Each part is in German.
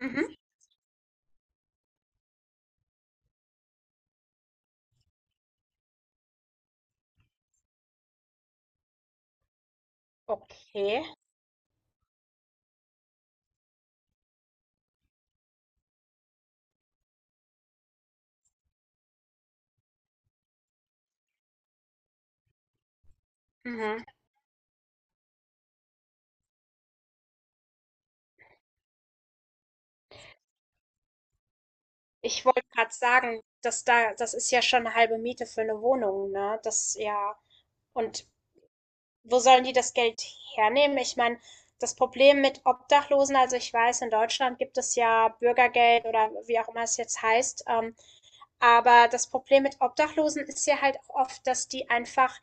Mhm. Okay. Mhm. Ich wollte gerade sagen, dass da, das ist ja schon eine halbe Miete für eine Wohnung, ne? Das ja. Und wo sollen die das Geld hernehmen? Ich meine, das Problem mit Obdachlosen, also ich weiß, in Deutschland gibt es ja Bürgergeld oder wie auch immer es jetzt heißt. Aber das Problem mit Obdachlosen ist ja halt auch oft, dass die einfach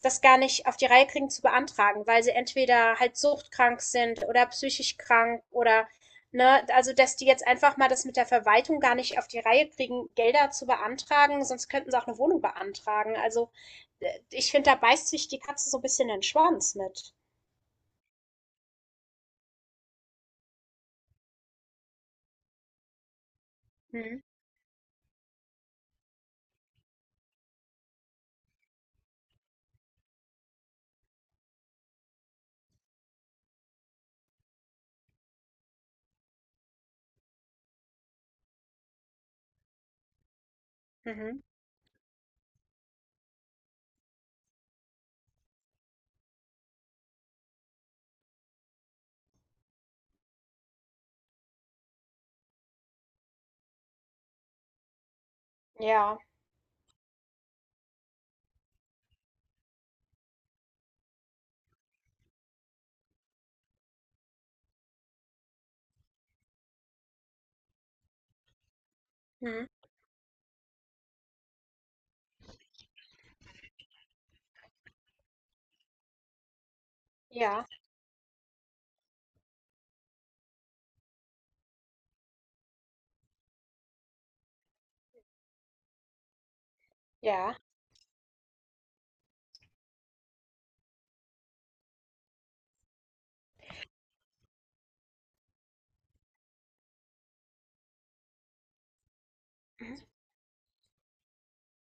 das gar nicht auf die Reihe kriegen zu beantragen, weil sie entweder halt suchtkrank sind oder psychisch krank oder, ne, also dass die jetzt einfach mal das mit der Verwaltung gar nicht auf die Reihe kriegen, Gelder zu beantragen, sonst könnten sie auch eine Wohnung beantragen. Also ich finde, da beißt sich die Katze so ein bisschen den Schwanz mit. Hm, mhm, ja, hm, ja, ja.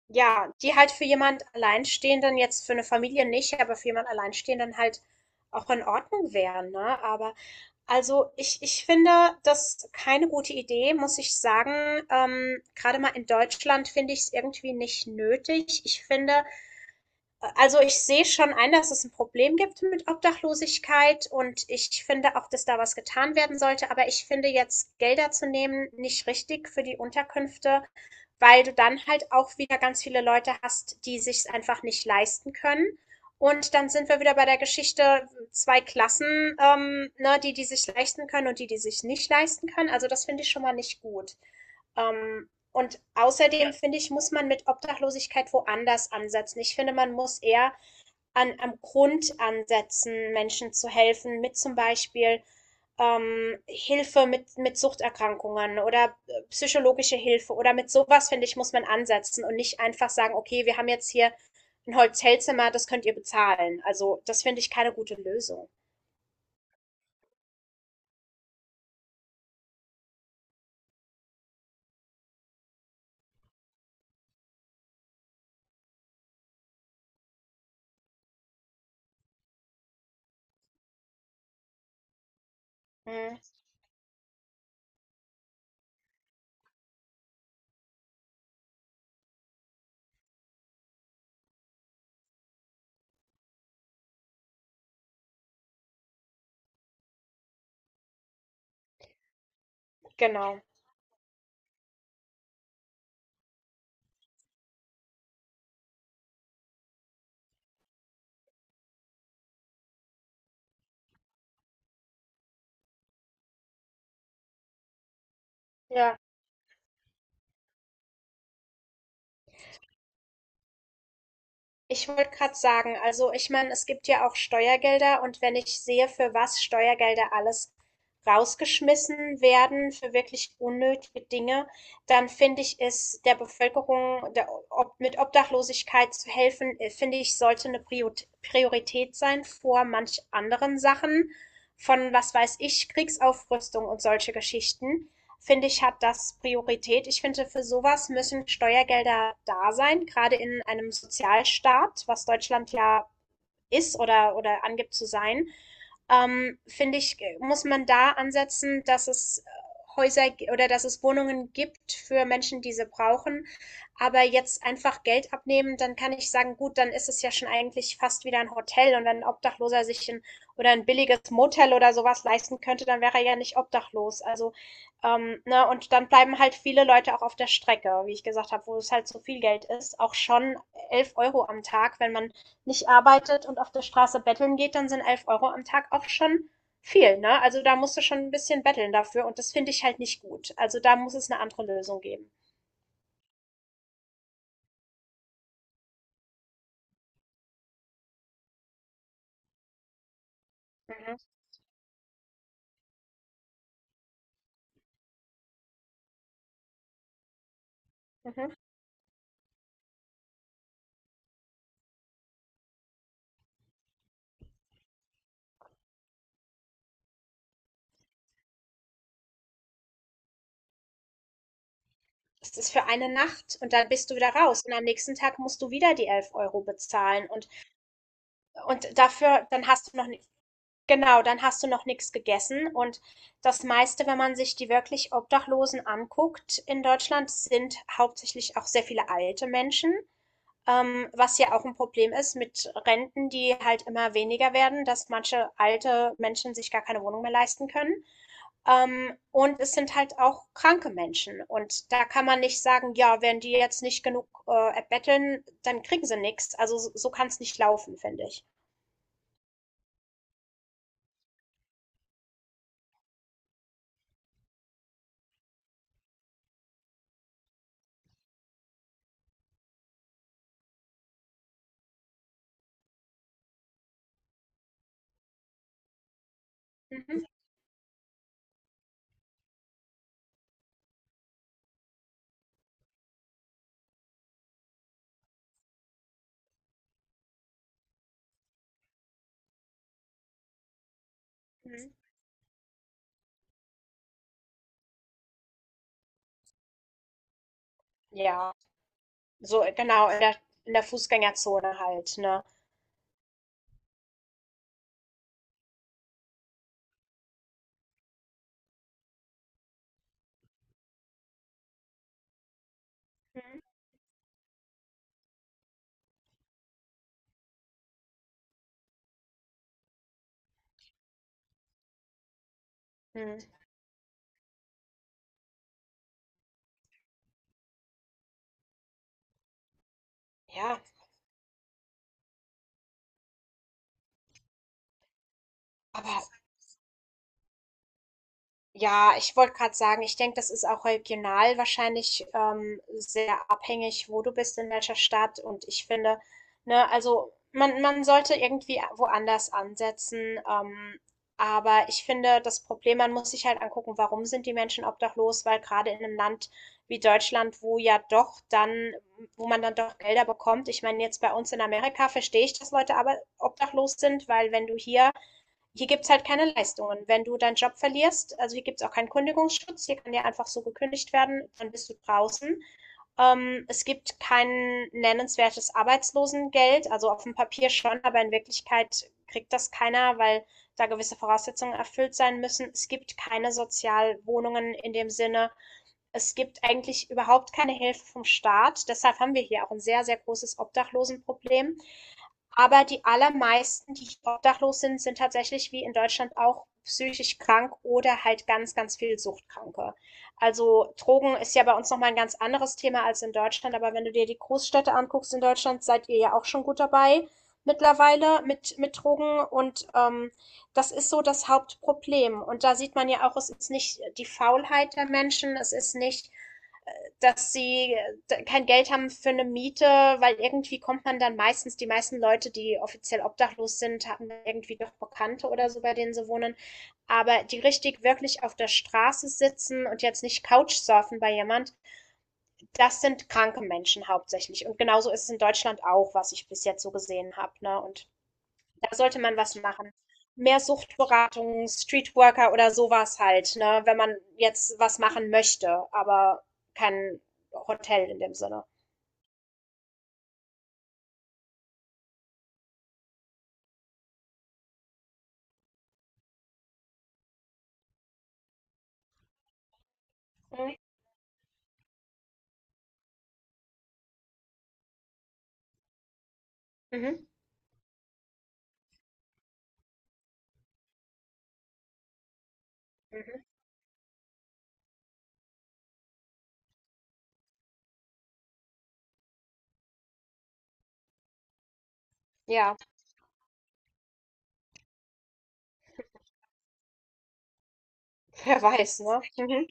Ja, die halt für jemand Alleinstehenden jetzt für eine Familie nicht, aber für jemand Alleinstehenden halt auch in Ordnung wären, ne? Aber also, ich finde das keine gute Idee, muss ich sagen. Grade mal in Deutschland finde ich es irgendwie nicht nötig. Ich finde, also, ich sehe schon ein, dass es ein Problem gibt mit Obdachlosigkeit und ich finde auch, dass da was getan werden sollte, aber ich finde jetzt Gelder zu nehmen nicht richtig für die Unterkünfte, weil du dann halt auch wieder ganz viele Leute hast, die sich's einfach nicht leisten können. Und dann sind wir wieder bei der Geschichte 2 Klassen, ne, die die sich leisten können und die, die sich nicht leisten können. Also, das finde ich schon mal nicht gut. Ähm, und außerdem finde ich, muss man mit Obdachlosigkeit woanders ansetzen. Ich finde, man muss eher an, am Grund ansetzen, Menschen zu helfen, mit zum Beispiel Hilfe mit Suchterkrankungen oder psychologische Hilfe oder mit sowas, finde ich, muss man ansetzen und nicht einfach sagen, okay, wir haben jetzt hier ein Hotelzimmer, das könnt ihr bezahlen. Also das finde ich keine gute Lösung. Mhm, genau. Ja. Ich wollte gerade sagen, also ich meine, es gibt ja auch Steuergelder und wenn ich sehe, für was Steuergelder alles rausgeschmissen werden, für wirklich unnötige Dinge, dann finde ich es der Bevölkerung mit Obdachlosigkeit zu helfen, finde ich, sollte eine Priorität sein vor manch anderen Sachen von, was weiß ich, Kriegsaufrüstung und solche Geschichten finde ich, hat das Priorität. Ich finde, für sowas müssen Steuergelder da sein, gerade in einem Sozialstaat, was Deutschland ja ist oder angibt zu sein. Finde ich, muss man da ansetzen, dass es oder dass es Wohnungen gibt für Menschen, die sie brauchen. Aber jetzt einfach Geld abnehmen, dann kann ich sagen, gut, dann ist es ja schon eigentlich fast wieder ein Hotel. Und wenn ein Obdachloser sich ein oder ein billiges Motel oder sowas leisten könnte, dann wäre er ja nicht obdachlos. Also, ne, und dann bleiben halt viele Leute auch auf der Strecke, wie ich gesagt habe, wo es halt so viel Geld ist. Auch schon 11 Euro am Tag, wenn man nicht arbeitet und auf der Straße betteln geht, dann sind 11 Euro am Tag auch schon viel, ne? Also da musst du schon ein bisschen betteln dafür und das finde ich halt nicht gut. Also da muss es eine andere Lösung geben. Mhm. Mhm. Es ist für eine Nacht und dann bist du wieder raus und am nächsten Tag musst du wieder die 11 Euro bezahlen und dafür, dann hast du noch, genau, dann hast du noch nichts gegessen und das meiste, wenn man sich die wirklich Obdachlosen anguckt in Deutschland, sind hauptsächlich auch sehr viele alte Menschen. Was ja auch ein Problem ist mit Renten, die halt immer weniger werden, dass manche alte Menschen sich gar keine Wohnung mehr leisten können. Und es sind halt auch kranke Menschen. Und da kann man nicht sagen: „Ja, wenn die jetzt nicht genug, erbetteln, dann kriegen sie nichts." Also, so kann es nicht laufen, finde ich. Mhm, mhm. Ja, so genau in der Fußgängerzone halt, ne? Mhm, mhm. Ja, aber ja, ich wollte gerade sagen, ich denke, das ist auch regional wahrscheinlich sehr abhängig, wo du bist, in welcher Stadt. Und ich finde, ne, also man sollte irgendwie woanders ansetzen. Aber ich finde, das Problem, man muss sich halt angucken, warum sind die Menschen obdachlos? Weil gerade in einem Land wie Deutschland, wo ja doch dann, wo man dann doch Gelder bekommt. Ich meine, jetzt bei uns in Amerika verstehe ich, dass Leute aber obdachlos sind, weil wenn du hier hier gibt's halt keine Leistungen. Wenn du deinen Job verlierst, also hier gibt's auch keinen Kündigungsschutz, hier kann dir einfach so gekündigt werden, dann bist du draußen. Es gibt kein nennenswertes Arbeitslosengeld, also auf dem Papier schon, aber in Wirklichkeit kriegt das keiner, weil da gewisse Voraussetzungen erfüllt sein müssen. Es gibt keine Sozialwohnungen in dem Sinne. Es gibt eigentlich überhaupt keine Hilfe vom Staat. Deshalb haben wir hier auch ein sehr, sehr großes Obdachlosenproblem. Aber die allermeisten, die obdachlos sind, sind tatsächlich wie in Deutschland auch psychisch krank oder halt ganz, ganz viel Suchtkranke. Also Drogen ist ja bei uns nochmal ein ganz anderes Thema als in Deutschland, aber wenn du dir die Großstädte anguckst in Deutschland, seid ihr ja auch schon gut dabei mittlerweile mit Drogen und das ist so das Hauptproblem. Und da sieht man ja auch, es ist nicht die Faulheit der Menschen, es ist nicht, dass sie kein Geld haben für eine Miete, weil irgendwie kommt man dann meistens, die meisten Leute, die offiziell obdachlos sind, haben irgendwie doch Bekannte oder so, bei denen sie wohnen. Aber die richtig wirklich auf der Straße sitzen und jetzt nicht Couchsurfen bei jemand, das sind kranke Menschen hauptsächlich. Und genauso ist es in Deutschland auch, was ich bis jetzt so gesehen habe. Ne? Und da sollte man was machen. Mehr Suchtberatung, Streetworker oder sowas halt, ne, wenn man jetzt was machen möchte, aber kein Hotel in dem Sinne. Mhm. Mhm. Mhm. Ja, wer weiß, ne? Mhm.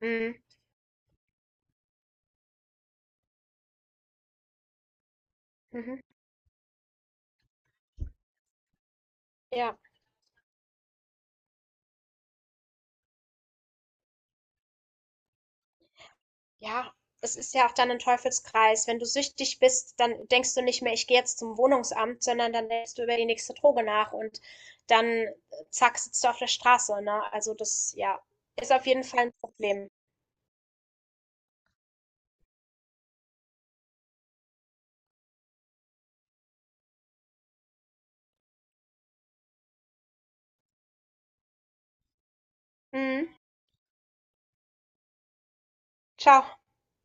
Mhm. Mhm. Ja, ja. Es ist ja auch dann ein Teufelskreis. Wenn du süchtig bist, dann denkst du nicht mehr, ich gehe jetzt zum Wohnungsamt, sondern dann denkst du über die nächste Droge nach und dann zack, sitzt du auf der Straße, ne? Also das, ja, ist auf jeden Fall ein Problem. Mhm. Ciao.